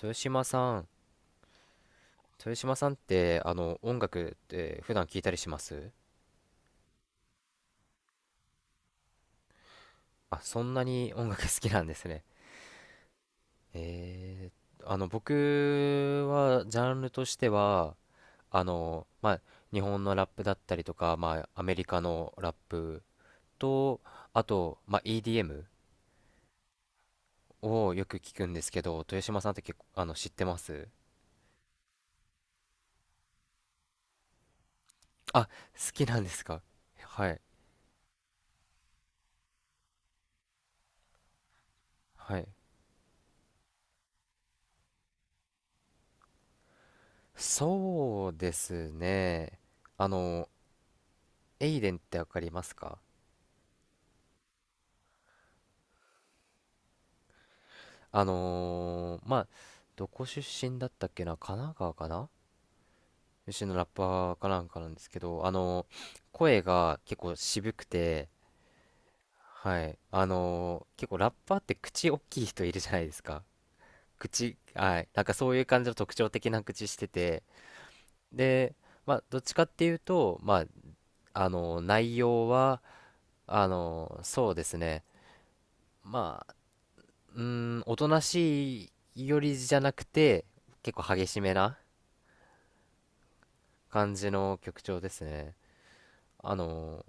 豊島さん。豊島さんって、音楽って普段聞いたりします？あ、そんなに音楽好きなんですね。え僕は、ジャンルとしては、まあ、日本のラップだったりとか、まあ、アメリカのラップと、あと、まあ、EDM をよく聞くんですけど、豊島さんって結構、知ってます？あ、好きなんですか？はい、はい。そうですね。あの、エイデンってわかりますか？まあ、どこ出身だったっけな、神奈川かな、出身のラッパーかなんかなんですけど、声が結構渋くて、はい。結構ラッパーって口大きい人いるじゃないですか。口、はい。なんかそういう感じの特徴的な口してて。で、まあ、どっちかっていうと、まあ、内容は、そうですね。まうーおとなしいよりじゃなくて、結構激しめな感じの曲調ですね。あの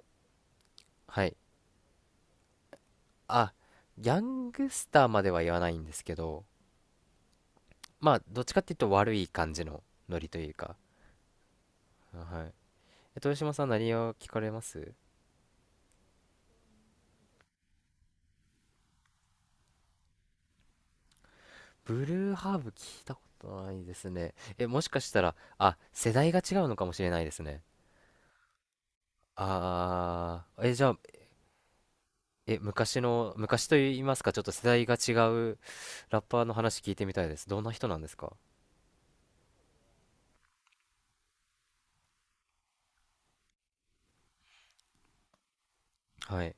はい。あ、ギャングスターまでは言わないんですけど、まあ、どっちかっていうと悪い感じのノリというか。はい。豊島さん何を聞かれます？ブルーハーブ聞いたことないですね。もしかしたら、あ、世代が違うのかもしれないですね。じゃあ、昔と言いますか、ちょっと世代が違うラッパーの話聞いてみたいです。どんな人なんですか？はい。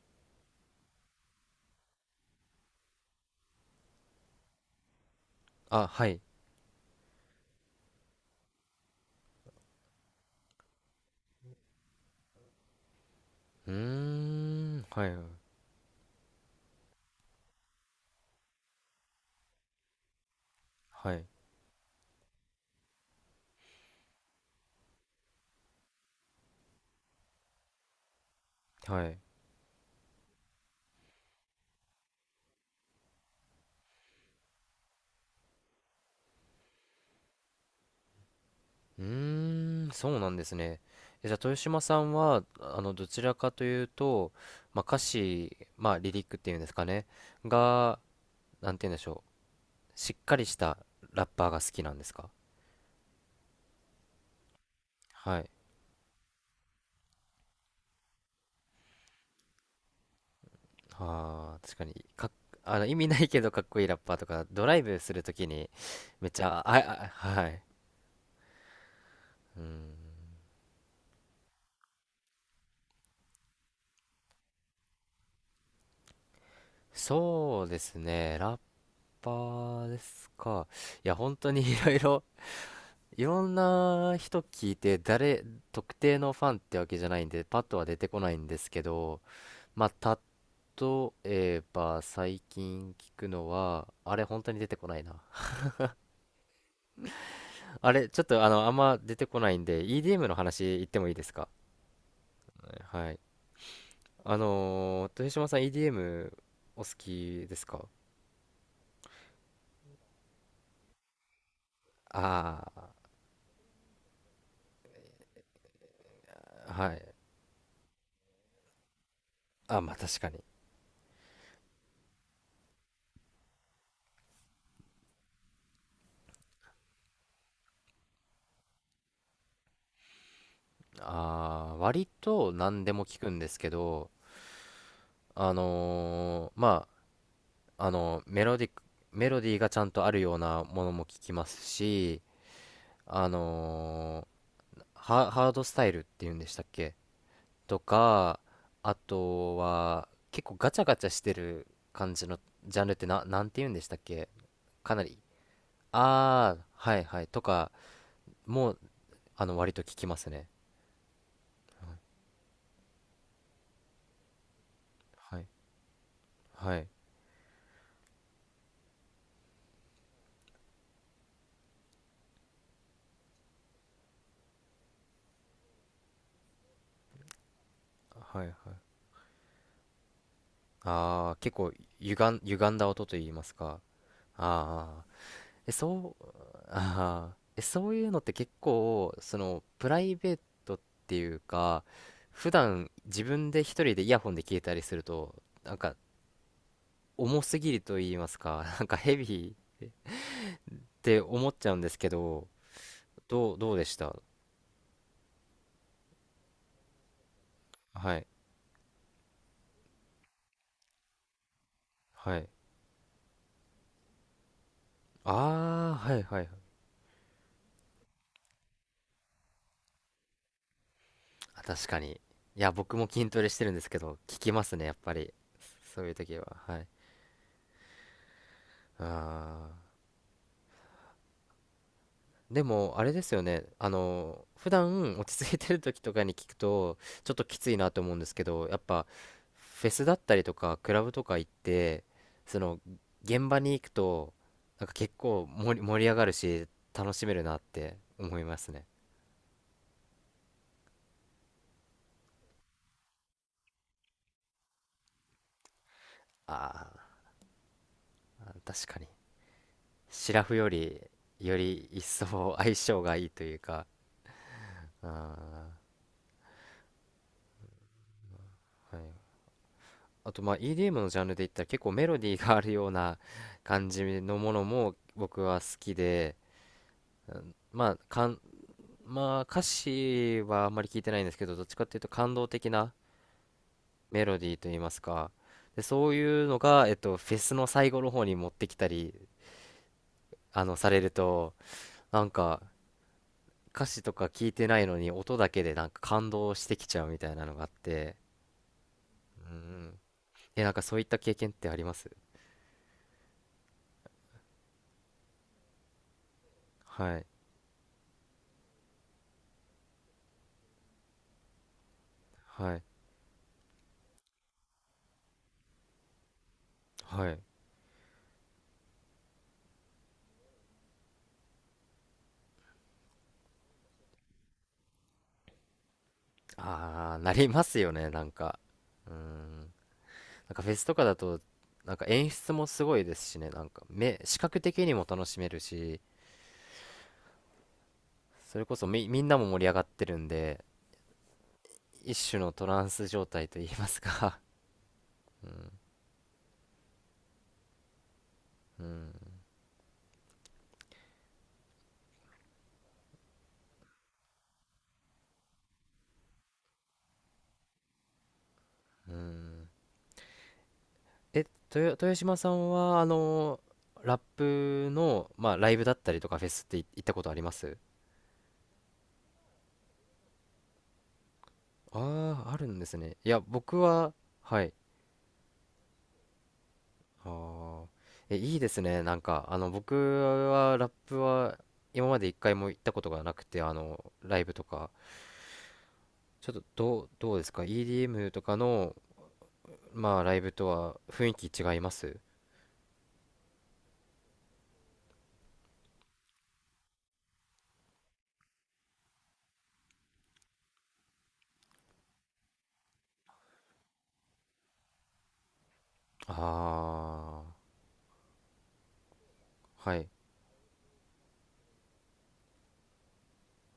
あ、はい。うーん、はい、はい、はい。うーん、そうなんですね。じゃあ、豊島さんは、どちらかというと、まあ、歌詞、まあ、リリックっていうんですかね、が、なんて言うんでしょう、しっかりしたラッパーが好きなんですか？はい。ああ、確かに、かっ、あの、意味ないけどかっこいいラッパーとか、ドライブするときに、めっちゃ、あ、あ、はい。うん。そうですね、ラッパーですか。いや、本当に いろんな人聞いて、特定のファンってわけじゃないんで、パッとは出てこないんですけど、まあ、例えば、最近聞くのは、あれ、本当に出てこないな。あれ、ちょっと、あんま出てこないんで、EDM の話言ってもいいですか？はい。豊島さん EDM お好きですか？ああー、はい。あ、まあ確かに。割と何でも聞くんですけど、まあ、メロディーがちゃんとあるようなものも聞きますし、あのハードスタイルっていうんでしたっけ、とか、あとは結構ガチャガチャしてる感じのジャンルってなんて言うんでしたっけ？かなり。ああ、はいはい。とか、もう、割と聞きますね。はい。はい。はいはい。ああ、結構歪んだ音と言いますか。ああ、え、そう、そういうのって結構、プライベートっていうか、普段自分で一人でイヤホンで聞いたりすると、なんか、重すぎると言いますか、なんかヘビーって思っちゃうんですけど、どうでした？はい、はい。ああ、はいはいはい。あ、確かに。いや、僕も筋トレしてるんですけど、聞きますね、やっぱり。そういう時は。はい。ああ。でも、あれですよね。普段落ち着いてる時とかに聞くと、ちょっときついなと思うんですけど、やっぱ、フェスだったりとか、クラブとか行って、その、現場に行くと、なんか結構盛り上がるし、楽しめるなって思いますね。ああ、確かに。シラフより、より一層相性がいいというか、ああ、はい。あとまあ EDM のジャンルで言ったら結構メロディーがあるような感じのものも僕は好きで、うん、まあ、まあ、歌詞はあんまり聞いてないんですけど、どっちかっていうと感動的なメロディーといいますか、でそういうのが、フェスの最後の方に持ってきたりされると、なんか歌詞とか聞いてないのに音だけでなんか感動してきちゃうみたいなのがあって、うん、なんかそういった経験ってあります？はいはいはい。ああ、なりますよね、なんか。うーん。なんかフェスとかだと、なんか演出もすごいですしね、なんか視覚的にも楽しめるし、それこそみんなも盛り上がってるんで、一種のトランス状態と言いますか？ うん。うん。え、豊島さんは、ラップの、まあ、ライブだったりとかフェスって行ったことあります？ああー、あるんですね。いや、僕は、はい。はあ。え、いいですね。なんか、僕は、ラップは、今まで一回も行ったことがなくて、ライブとか、ちょっと、どうですか？ EDM とかの、まあ、ライブとは雰囲気違います？ああー、はい、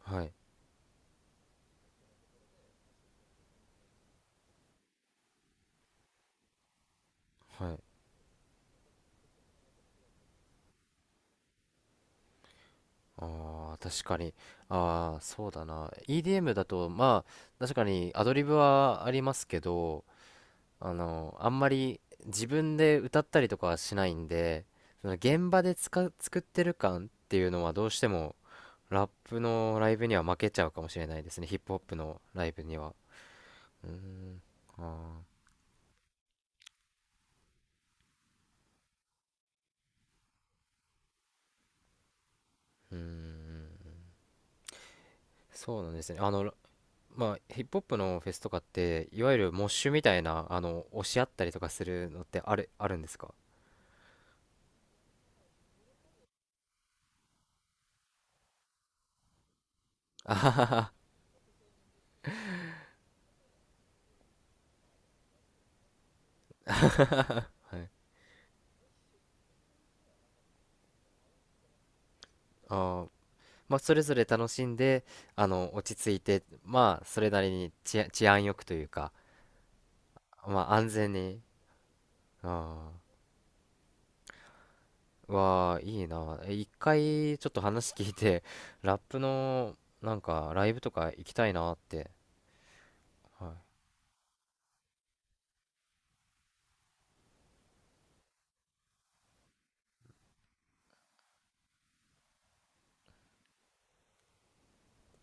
はい、はい。ああ、確かに。ああ、そうだな。EDM だと、まあ、確かにアドリブはありますけど、あんまり自分で歌ったりとかはしないんで、その現場で作ってる感っていうのはどうしてもラップのライブには負けちゃうかもしれないですね。ヒップホップのライブには。うーん。あうーん。そうなんですね。まあ、ヒップホップのフェスとかって、いわゆるモッシュみたいな、押し合ったりとかするのってあるんですか？あははは。はい。あーまあ、それぞれ楽しんで、落ち着いて、まあ、それなりに治安よくというか、まあ、安全に、ああ、わあ、いいな。一回、ちょっと話聞いて、ラップの、なんか、ライブとか行きたいなって。はい